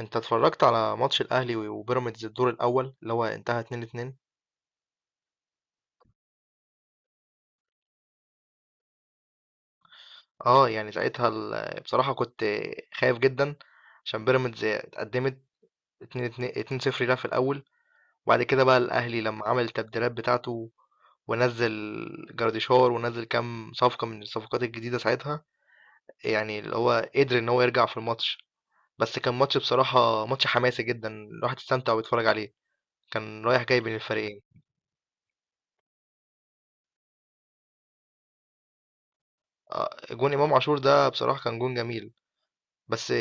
انت اتفرجت على ماتش الاهلي وبيراميدز الدور الاول اللي هو انتهى 2-2. اه يعني ساعتها بصراحة كنت خايف جدا، عشان بيراميدز اتقدمت 2-2 2-0 لها في الاول. وبعد كده بقى الاهلي لما عمل التبديلات بتاعته ونزل جراديشار، ونزل كام صفقة من الصفقات الجديدة ساعتها، يعني اللي هو قدر ان هو يرجع في الماتش. بس كان ماتش بصراحة ماتش حماسي جدا، الواحد استمتع ويتفرج عليه، كان رايح جاي بين الفريقين. جون امام عاشور ده بصراحة كان جون جميل، بس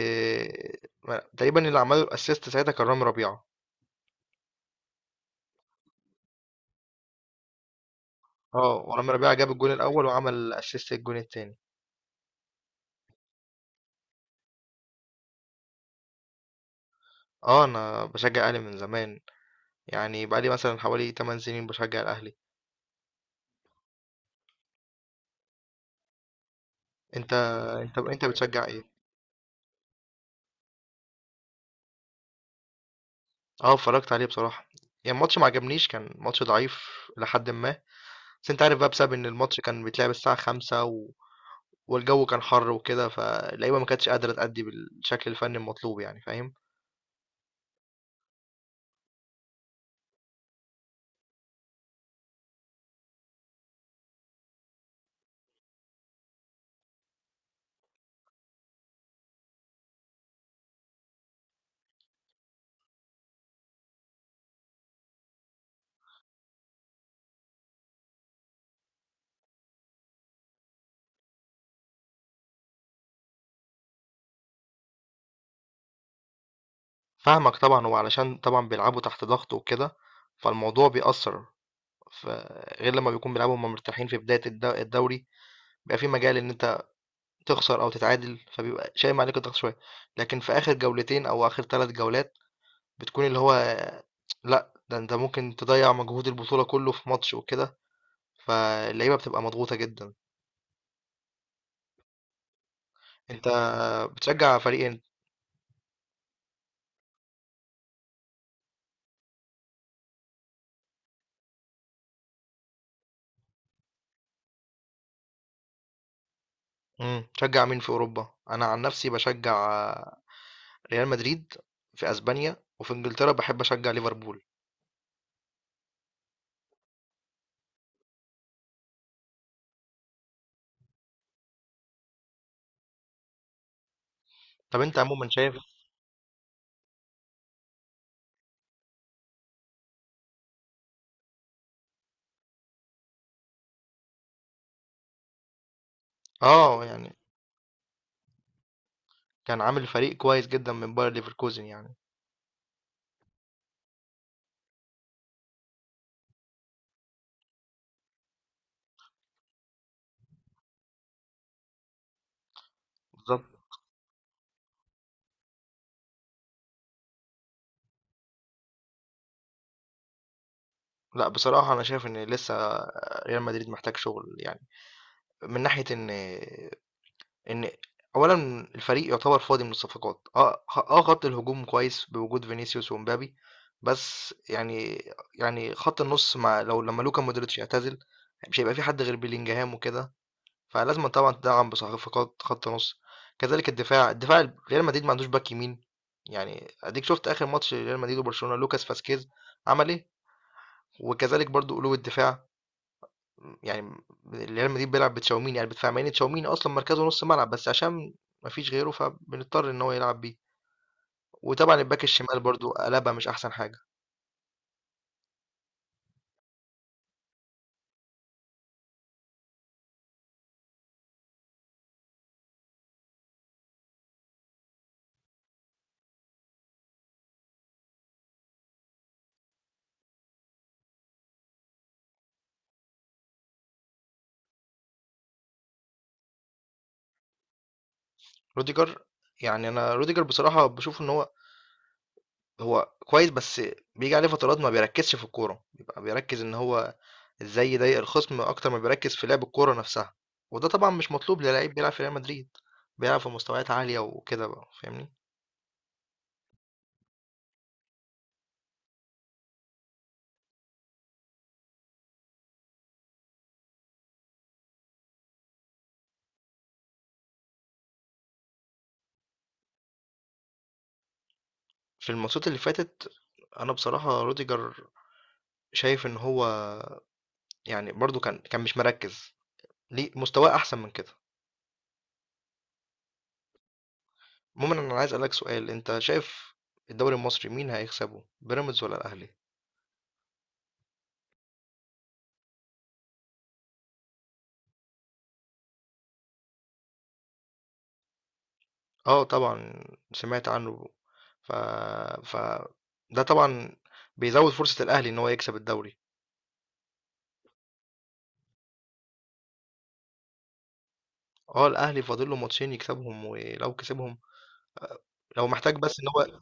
تقريبا اللي عمله الاسيست ساعتها كان رامي ربيعة. اه، ورامي ربيعة جاب الجون الاول وعمل اسيست الجون التاني. اه، انا بشجع الاهلي من زمان، يعني بقالي مثلا حوالي 8 سنين بشجع الاهلي. انت انت بتشجع ايه؟ اه اتفرجت عليه بصراحة، يعني الماتش ما عجبنيش، كان ماتش ضعيف لحد ما، بس انت عارف بقى بسبب ان الماتش كان بيتلعب الساعة خمسة، والجو كان حر وكده، فاللعيبة ما كانتش قادرة تأدي بالشكل الفني المطلوب، يعني فاهم. فاهمك طبعًا، وعلشان طبعًا بيلعبوا تحت ضغط وكده، فالموضوع بيأثّر، ف غير لمّا بيكون بيلعبوا وهُم مرتاحين في بداية الدوري، بيبقى في مجال إن أنت تخسر أو تتعادل، فبيبقى شايم عليك الضغط شوية، لكن في آخر جولتين أو آخر 3 جولات بتكون اللي هو، لأ، ده أنت ممكن تضيّع مجهود البطولة كُلّه في ماتش وكده، فاللعيبة بتبقى مضغوطة جدًا. أنت بتشجّع فريق إن، إمم، بتشجّع مين في أوروبا؟ أنا عن نَفْسي باشجّع ريال مدريد في أسبانيا، وفي إنجلترا باحب أشجّع ليفربول. طب انت عموما شايف، اه يعني كان عامل فريق كويس جدا من باير ليفركوزن يعني. بالظبط. لا بصراحة انا شايف ان لسه ريال مدريد محتاج شغل، يعني من ناحية ان اولا الفريق يعتبر فاضي من الصفقات. اه اه، خط الهجوم كويس بوجود فينيسيوس ومبابي، بس يعني، يعني خط النص مع لما لوكا مودريتش يعتزل، مش هيبقى في حد غير بيلينجهام وكده، فلازم طبعا تدعم بصفقات خط نص. كذلك الدفاع، ريال مدريد ما عندوش باك يمين، يعني اديك شفت اخر ماتش ريال مدريد وبرشلونة لوكاس فاسكيز عمل ايه. وكذلك برضو قلوب الدفاع، يعني ريال مدريد بيلعب بتشاوميني، يعني بدفاع مع ان تشاوميني اصلا مركزه نص ملعب، بس عشان ما فيش غيره فبنضطر ان هو يلعب بيه. وطبعا الباك الشمال برضو قلبها مش احسن حاجة. روديجر، يعني انا روديجر بصراحة بشوف ان هو، هو كويس بس بيجي عليه فترات ما بيركزش في الكورة، بيبقى بيركز ان هو إزاي يضايق الخصم أكتر ما بيركّز في لعب الكورة نَفْسها، وده طبعًا مش مطلوب للعيب بيلعب في ريال مدريد، بيلعب في مستويات عالية وكده بقى فاهمني. في الماتشات اللي فاتت أنا بصراحة روديجر شايف إن هو، يعني برضه كان مش مركّز، ليه مستواه أحسن من كده. عمومًا أنا عايز أسألك سؤال، أنت شايف الدوري المصري مين هيكسبه، بيراميدز والّا الأهلي؟ آه طبعًا سمعت عنه، ف ف ده طبعًا بيزوّد فرصة الأهلي إن هو يكسب الدوري. اه الاهلي فاضل له ماتشين يكسبهم، ولو كسبهم، آه، لو محتاج بس ان هو،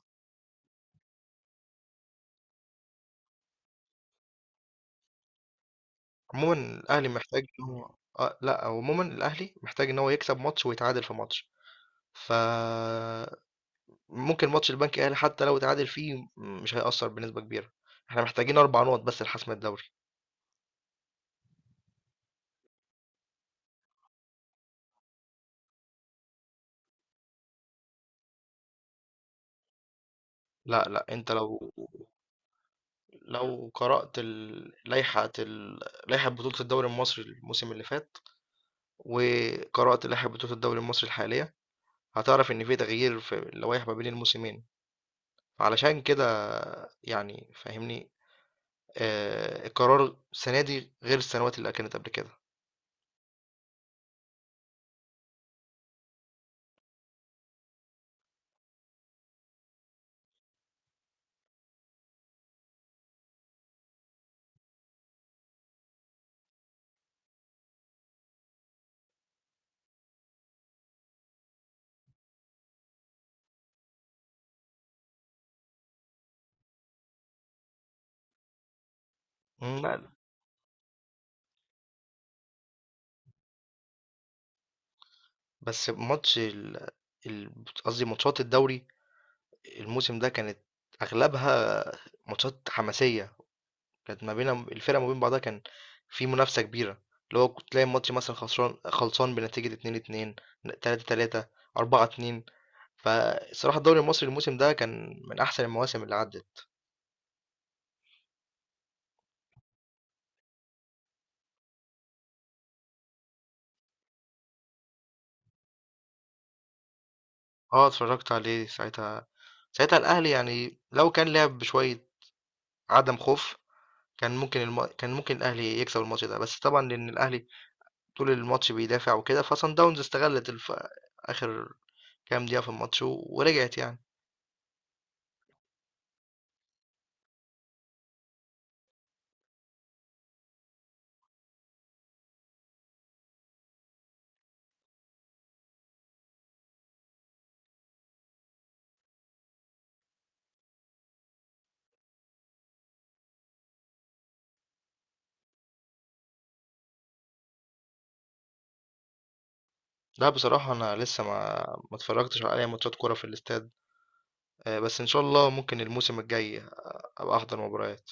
عموما الاهلي محتاج ان هو، آه، لا، هو عموما الاهلي محتاج ان هو يكسب ماتش ويتعادل في ماتش، ف ممكن ماتش البنك الاهلي حتى لو اتعادل فيه مش هيأثر بنسبة كبيرة، احنا محتاجين اربع نقط بس لحسم الدوري. لا لا، انت لو، لو قرأت لائحة لائحة بطولة الدوري المصري الموسم اللي فات، وقرأت لائحة بطولة الدوري المصري الحالية، هتعرف إن في تغيير في اللوائح ما بين الموسمين، علشان كده، يعني فاهمني، آه القرار السنة دي غير السنوات اللي كانت قبل كده. مم، لا بس ماتش قصدي ماتشات الدوري الموسم ده كانت أغلبها ماتشات حماسية، كانت ما بين الفرق ما بين بعضها كان في منافسة كبيرة، اللي هو كنت تلاقي الماتش مثلا خسران خلصان بنتيجة 2-2، 3-3، 4-2. فالصراحة الدوري المصري الموسم ده كان من أحسن المواسم اللي عدت. آه، اتفرّجت عليه ساعتها، ساعتها الأهلي يعني لو كان لعب بشوية عدم خوف، كان ممكن الأهلي يكسب الماتش ده، بس طبعًا لإن الأهلي طول الماتش بيدافع وكده، فصن داونز استغلِّت آخر كام دقيقة في الماتش ورجعت يعني. لأ، بصراحة أنا لسه ما اتفرّجتش على أي ماتشات كورة في الاستاد، بس إن شاء الله ممكن الموسم الجاي أبقى أحضر مباريات.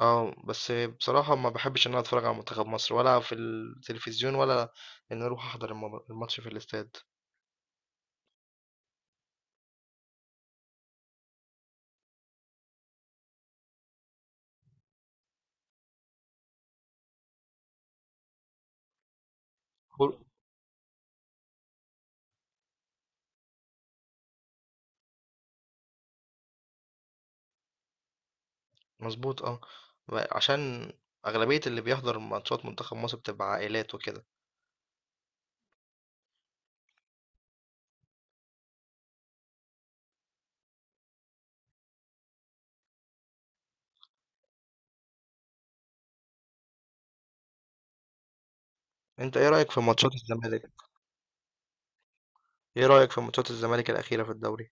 آه، بس بصراحة ما باحبّش إن أنا أتفرّج على منتخب مصر ولا في التلفزيون، ولا إني أروح أحضر الماتش في الاستاد. مضبوط آه. عشان أغلبية اللي بيحضر ماتشات منتخب مصر بتبقى عائلات وكده. أنت إيه رأيك في ماتشات الزمالك؟ إيه رأيك في ماتشات الزمالك الأخيرة في الدوري؟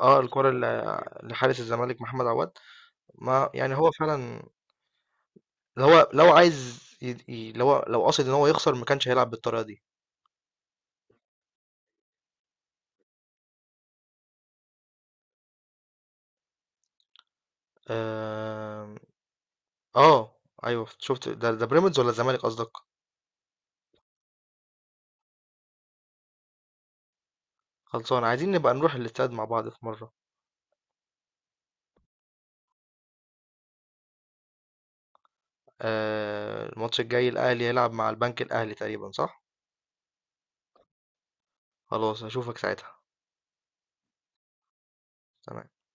آه الكرة اللي لحارس الزمالك محمد عواد، ما يعني هو فعلا اللي هو لو عايز لو قصد إن هو يخسر ما كانش هيلعب بالطريقة دي. آه, آه أيوه شفت، ده ده بيراميدز ولا الزمالك قصدك؟ خلصان عايزين نبقى نروح الاستاد مع بعض في مرة. آه الماتش الجاي الأهلي هيلعب مع البنك الأهلي تقريبا، صح؟ خلاص أشوفك ساعتها. تمام.